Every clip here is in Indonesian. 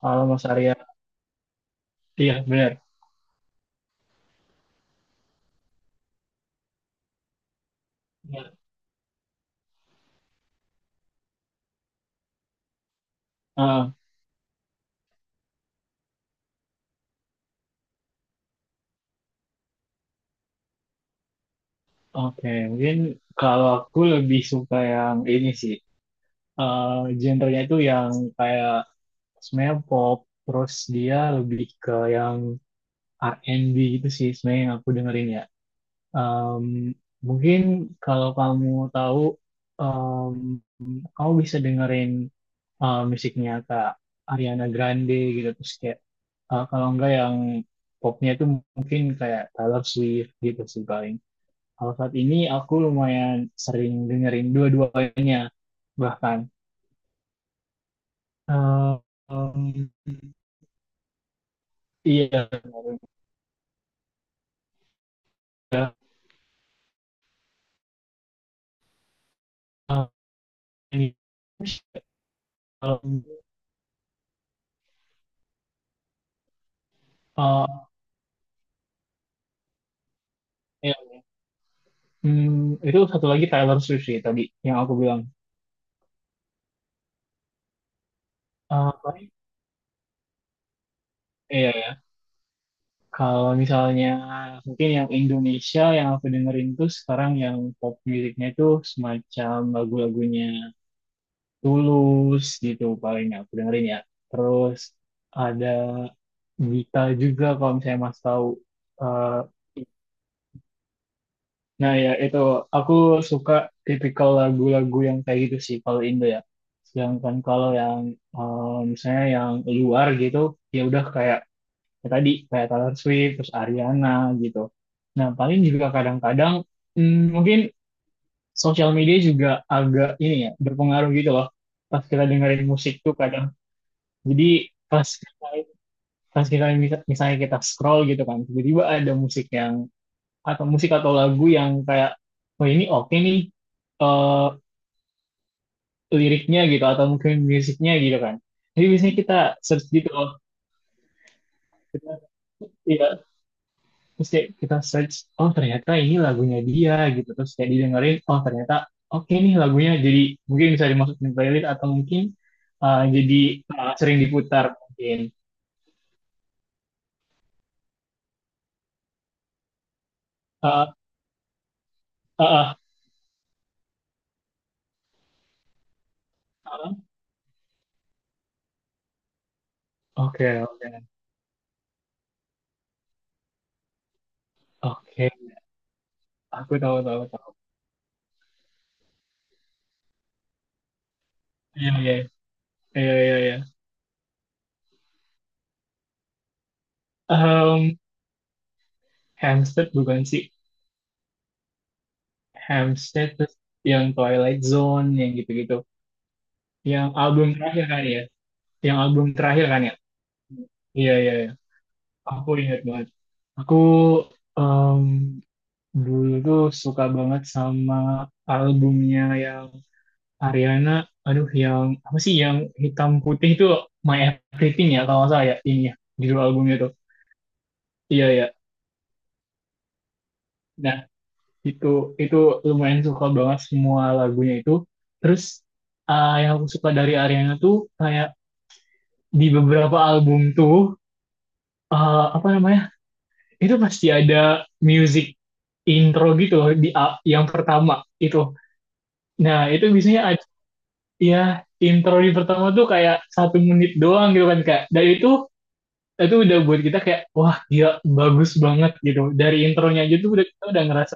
Kalau Mas Arya, iya benar. Benar. Ah, Oke, Mungkin kalau aku lebih suka yang ini sih. Genrenya itu yang kayak sebenarnya pop, terus dia lebih ke yang R&B gitu sih sebenarnya yang aku dengerin ya. Em, Mungkin kalau kamu tahu, em, kamu bisa dengerin musiknya Kak Ariana Grande gitu. Terus kayak, kalau enggak yang popnya itu mungkin kayak Taylor Swift gitu sih paling. Kalau saat ini aku lumayan sering dengerin dua-duanya bahkan. Eh, em, iya, ya, eh, ini, em, eh, ya, hmm, Itu satu lagi Taylor Swift sih tadi yang aku bilang. Eh, paling- iya ya. Kalau misalnya mungkin yang Indonesia yang aku dengerin tuh sekarang yang pop musiknya itu semacam lagu-lagunya Tulus gitu paling aku dengerin ya. Terus ada Gita juga kalau misalnya Mas tahu. Eh, nah ya itu aku suka tipikal lagu-lagu yang kayak gitu sih kalau Indo ya. Sedangkan kalau yang misalnya yang luar gitu ya udah kayak ya tadi kayak Taylor Swift terus Ariana gitu. Nah paling juga kadang-kadang mungkin sosial media juga agak ini ya berpengaruh gitu loh. Pas kita dengerin musik tuh kadang. Jadi pas kita, pas kita misalnya kita scroll gitu kan, tiba-tiba ada musik yang atau musik atau lagu yang kayak, oh ini oke nih, eh, liriknya gitu atau mungkin musiknya gitu kan. Jadi biasanya kita search gitu, oh iya, terus kayak kita search, oh ternyata ini lagunya dia gitu, terus kayak didengerin, oh ternyata oke nih lagunya, jadi mungkin bisa dimasukin playlist atau mungkin jadi sering diputar mungkin. Eh, eh, eh, eh. Oke, oke, oke. Aku tahu tahu tahu. Iya iya iya iya iya. Em, Hampstead bukan sih. Hampstead terus yang Twilight Zone yang gitu-gitu. Yang album terakhir kan ya. Yang album terakhir kan ya. Iya iya iya. Aku ingat banget. Aku em, dulu tuh suka banget sama albumnya yang Ariana. Aduh yang apa sih yang hitam putih itu, My Everything ya kalau nggak salah ya ini ya judul albumnya tuh. Iya iya. Nah Itu itu lumayan suka banget semua lagunya itu. Terus yang aku suka dari Ariana tuh kayak di beberapa album tuh apa namanya? Itu pasti ada music intro gitu loh di yang pertama itu. Nah, itu biasanya ada ya intro di pertama tuh kayak 1 menit doang gitu kan Kak. Dan itu udah buat kita kayak wah gila bagus banget gitu. Dari intronya aja tuh udah kita udah ngerasa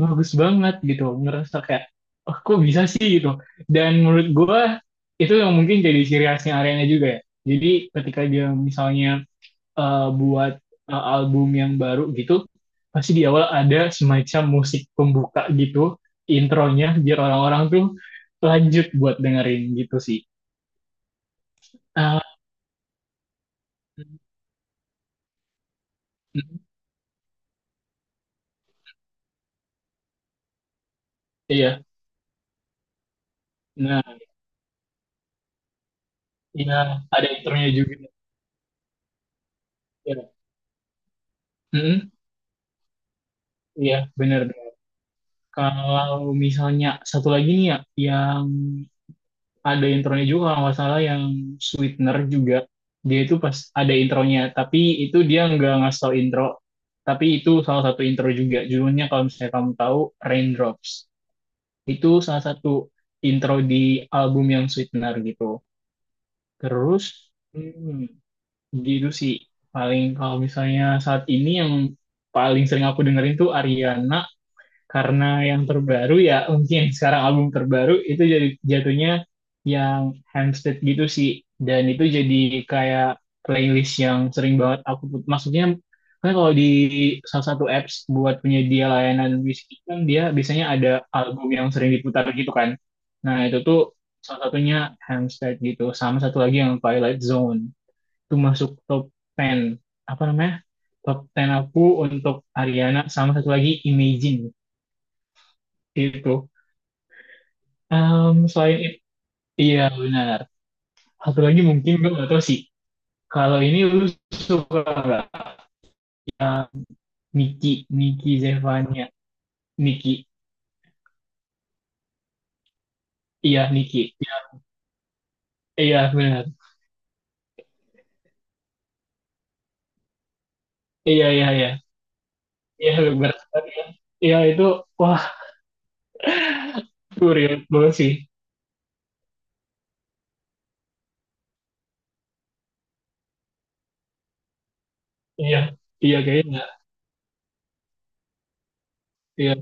bagus banget gitu, ngerasa kayak oh, kok bisa sih gitu, dan menurut gue itu yang mungkin jadi ciri khasnya Ariana juga ya, jadi ketika dia misalnya buat album yang baru gitu pasti di awal ada semacam musik pembuka gitu, intronya biar orang-orang tuh lanjut buat dengerin gitu sih. Ah, mm, iya nah iya ada intronya juga. Iya. mm Iya, benar. Kalau misalnya satu lagi nih ya, yang ada intronya juga kalau nggak salah yang Sweetener juga, dia itu pas ada intronya tapi itu dia nggak ngasih tau intro, tapi itu salah satu intro juga judulnya, kalau misalnya kamu tahu, Raindrops, itu salah satu intro di album yang Sweetener gitu. Terus hmm, gitu sih paling kalau misalnya saat ini yang paling sering aku dengerin tuh Ariana, karena yang terbaru ya mungkin sekarang album terbaru itu jadi jatuhnya yang Hampstead gitu sih, dan itu jadi kayak playlist yang sering banget aku put, maksudnya kan kalau di salah satu apps buat penyedia layanan musik kan dia biasanya ada album yang sering diputar gitu kan, nah itu tuh salah satunya Hampstead gitu, sama satu lagi yang Twilight Zone, itu masuk top 10, apa namanya, top 10 aku untuk Ariana, sama satu lagi Imagine itu. Selain itu, iya benar. Satu lagi mungkin gue gak tau sih. Kalau ini lu suka gak? Ya, Niki, Niki Zevania. Niki, iya Niki. Iya benar. Iya, iya, iya. Iya, benar. Iya itu, wah, itu real banget sih. Iya, iya kayaknya. Iya.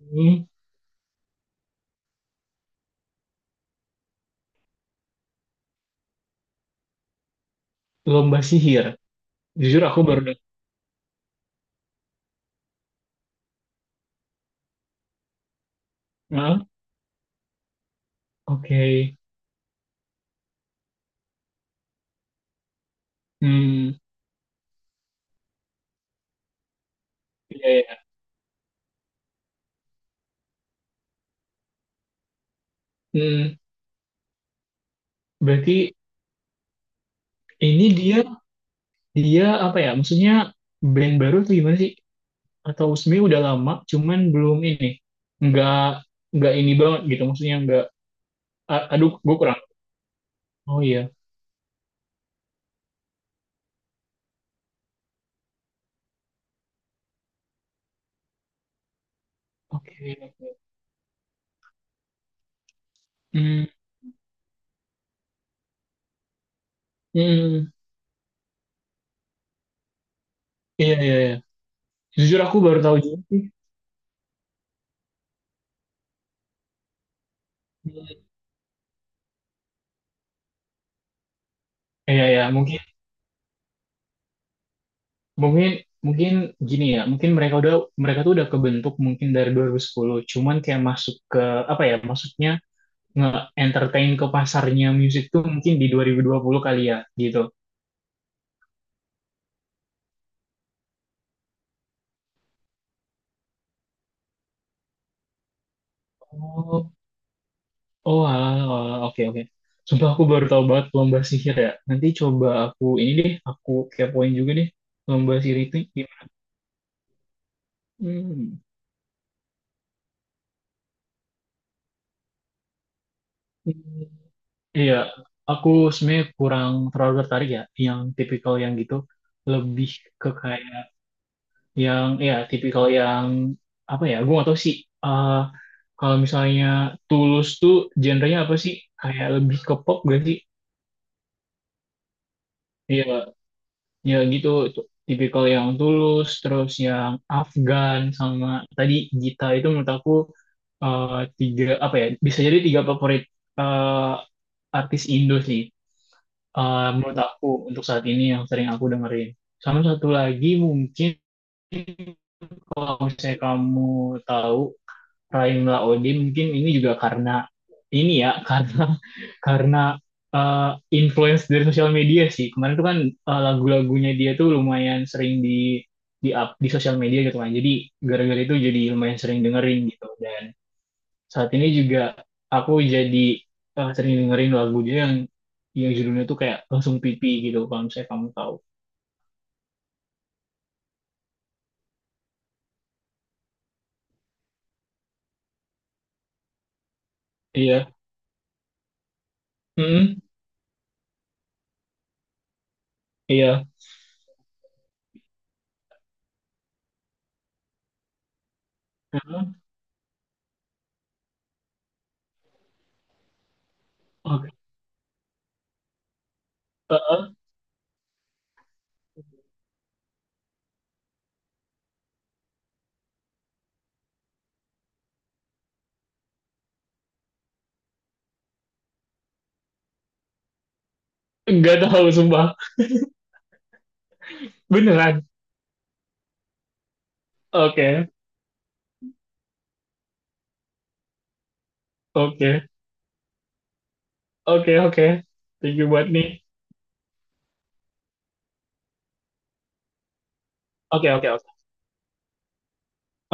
Hmm, Lomba sihir. Jujur aku baru dengar. Hah? Oke. Hmm, iya, iya. Hmm, Berarti ini dia. Dia apa ya? Maksudnya band baru tuh gimana sih? Atau sebenarnya udah lama, cuman belum ini. Nggak nggak ini banget gitu. Maksudnya nggak. Aduh, gue kurang. Oh iya. Oke. Hmm, hmm. Iya iya iya. Jujur aku baru tahu juga sih. Hmm. Iya iya. Mungkin mungkin mungkin gini ya. Mungkin mereka udah mereka tuh udah kebentuk mungkin dari 2010. Cuman kayak masuk ke apa ya? Maksudnya nge-entertain ke pasarnya musik tuh mungkin di 2020 kali ya gitu. Oh, halal, halal. Oke, oke. Sumpah aku baru tahu banget lomba sihir ya. Nanti coba aku ini deh, aku kepoin juga deh lomba sihir itu gimana. Hmm. Hmm. Iya, aku sebenarnya kurang terlalu tertarik ya yang tipikal yang gitu. Lebih ke kayak yang ya tipikal yang apa ya? Gue gak tahu sih. eh Kalau misalnya Tulus tuh genrenya apa sih? Kayak lebih ke pop gak sih? Iya, ya gitu, tipikal yang tulus terus yang Afgan sama tadi Gita, itu menurut aku eh, tiga apa ya, bisa jadi tiga favorit eh, artis Indo sih, menurut aku untuk saat ini yang sering aku dengerin, sama satu lagi mungkin kalau misalnya kamu tahu Prime Laode mungkin ini juga karena ini ya karena eh, influence dari sosial media sih. Kemarin tuh kan lagu-lagunya dia tuh lumayan sering di up di sosial media gitu kan. Jadi gara-gara itu jadi lumayan sering dengerin gitu. Dan saat ini juga aku jadi sering dengerin lagu dia yang judulnya tuh kayak langsung pipi gitu kalau misalnya kamu tahu. Iya. Mm-mm. Iya. Mm-mm. Oke. Eh, eh. Nggak tahu sumpah. Beneran. Oke. Oke. Oke, oke. Thank you buat nih. Oke, oke, oke.